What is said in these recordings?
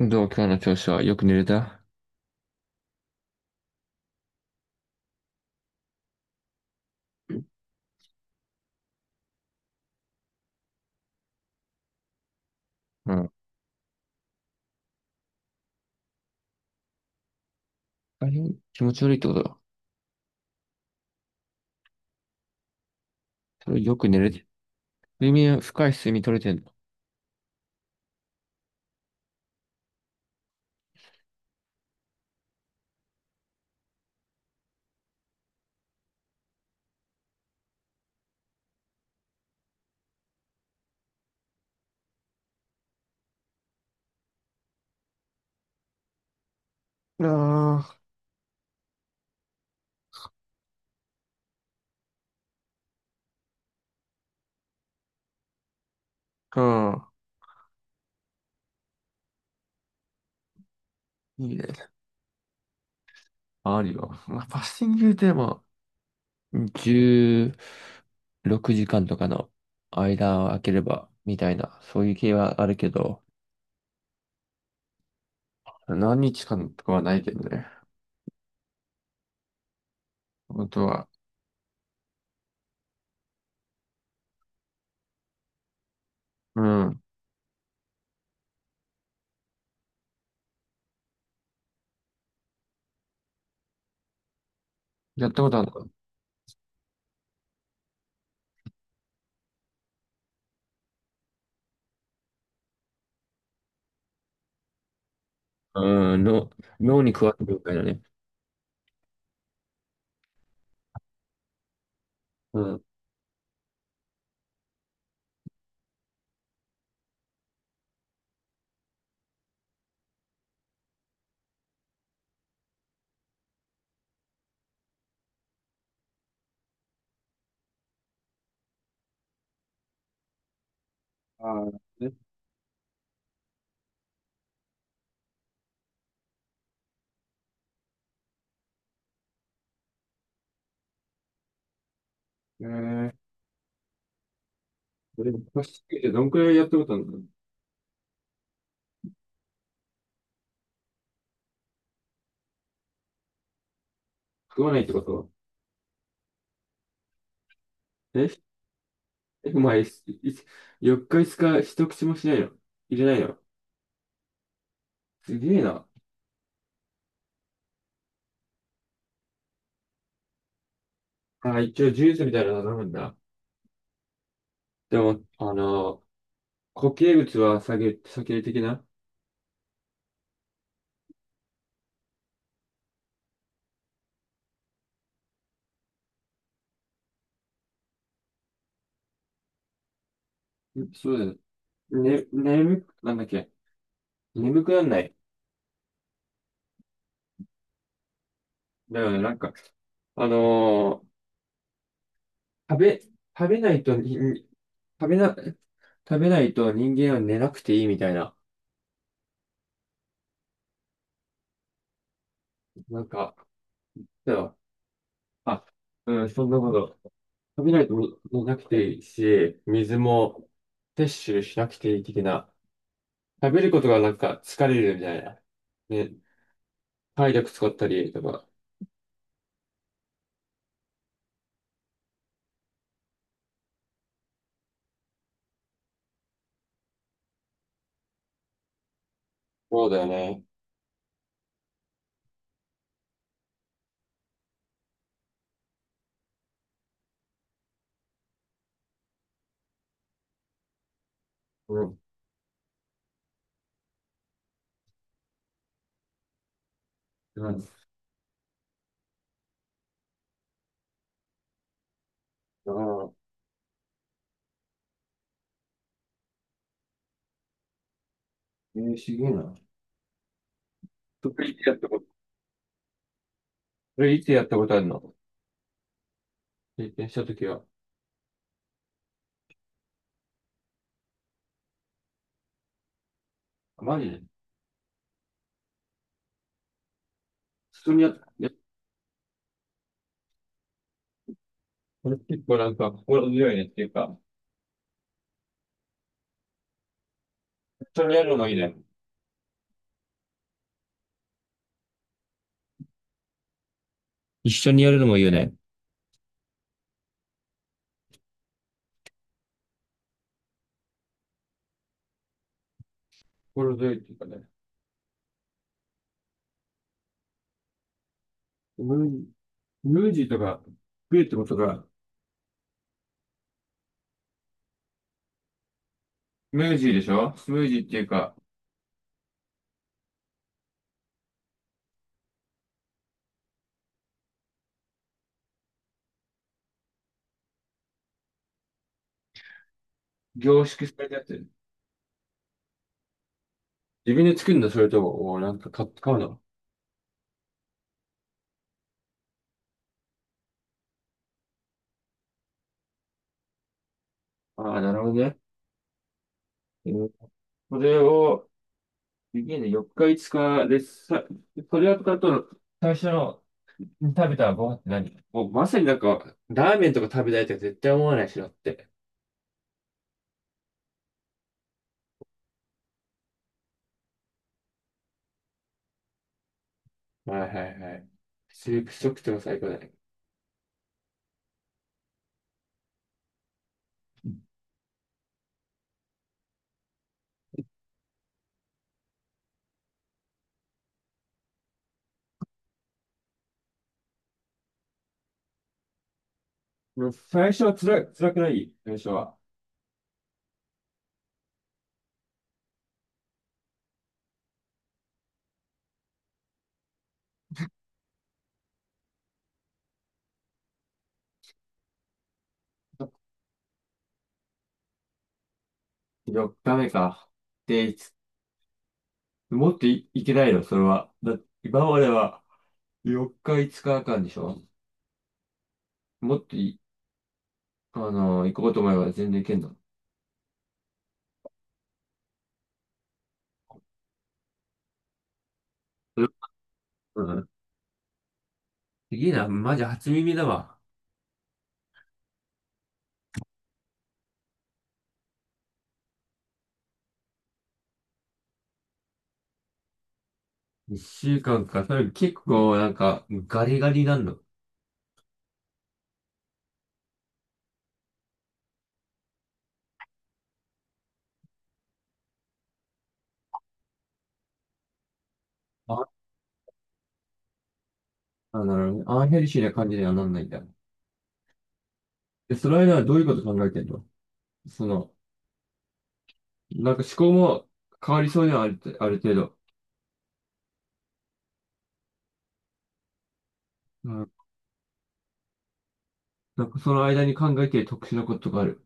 どう、今日の調子は？よく寝れた？うん。あれ、気持ち悪いってことだ。それよく寝れて。睡眠、深い睡眠取れてんの？ああ、うん。いいね。あるよ。まあ、パッシングでも、16時間とかの間を空ければ、みたいな、そういう系はあるけど、何日間とかはないけどね。本当は。うん。やったことあるの？うん、脳に加わせるみたい解だね。うん。ああ、ね。えーそれ貸し付けてどんくらいやってことなの？食わないってことは。え、えお前、いい4日5日一口もしないの？入れないの？すげえな。あ、一応ジュースみたいなの飲むんだ。でも、固形物は避ける的な。んそうだよね。ね、なんだっけ。眠くなんない？だよね、なんか、あのー食べ、食べないとに、に食べな、食べないと人間は寝なくていいみたいな。なんか、だよ。あ、うん、そんなこと。食べないとももなくていいし、水も摂取しなくていい的な。食べることがなんか疲れるみたいな。ね、体力使ったりとか。そうだよね。うん。うん。だから、すげえな。それいつやったこと、それいつやったことあるの？経験したときは？マジで普通にやった。ねこれ結構なんか心強いねっていうか、一緒にやるのもいいね。一緒にやるのもいいよね。心強いっていうかね。ムー、ムージーとか食えってことが？ムージーでしょ？スムージーっていうか、凝縮されたやつ。自分で作るの？それとも、お買うの？ああ、なるほどね。うんこれを、で4日5日で、さ、これを使うと、最初の食べたご飯って、何もうまさになんか、ラーメンとか食べたいとか絶対思わないしなって。はいはいはい。スープ食っックとか最高だね。もう最初は辛い、辛くない？最初は。4日目か。で、いつもっとい、いけないのそれは？今までは、4日、5日んでしょ？もっとい、行こうと思えば全然行けんの？うん。すげえな、マジ初耳だわ。1週間かんか？それ結構なんかガリガリなんの？あ、なるほどね。アンヘルシーな感じにはなんないんだ。で、その間はどういうこと考えてんの？その、なんか思考も変わりそうにはある、ある程度。うん。なんかその間に考えてる特殊なことがある？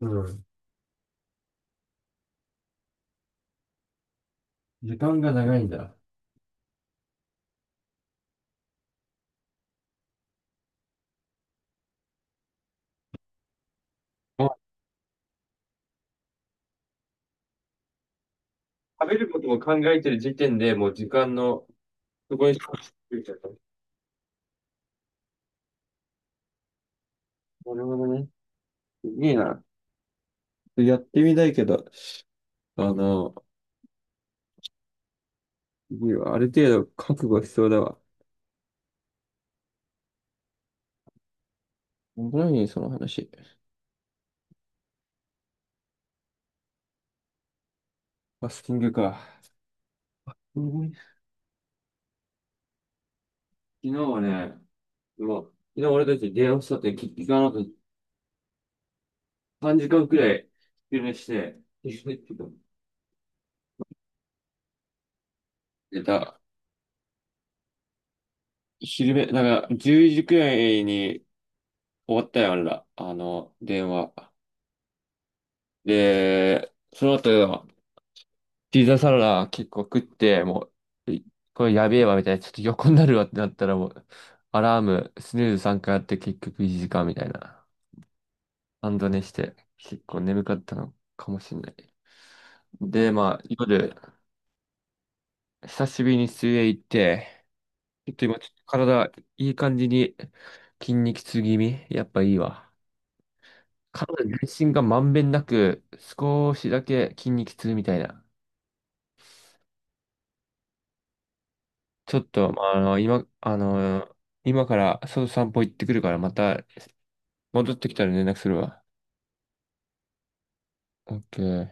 うん。時間が長いんだ。あ、食べることも考えてる時点でもう時間の、そこに集中しちゃった。なるほどね。いいな。やってみたいけど、あの、すわある程度覚悟しそうだわ。面白いねその話。ファスティングか。うん、昨日はね、もう、昨日俺たち電話したって聞かなくて、3時間くらい昼寝して、昼寝っていうか寝た。昼寝、なんか、10時くらいに終わったよ、あれら。電話。で、その後、ピザサラダ結構食って、もう、これやべえわみたいな、ちょっと横になるわってなったらもう、アラーム、スヌーズ3回やって結局1時間みたいな。半ド寝して、結構眠かったのかもしれない。で、まあ、夜、久しぶりに水泳行って、ちょっと今、ちょっと体、いい感じに筋肉痛気味。やっぱいいわ。体全身がまんべんなく、少しだけ筋肉痛みたいな。ちょっと、まあ、あの、今、あの、今から外散歩行ってくるから、また戻ってきたら連絡するわ。OK。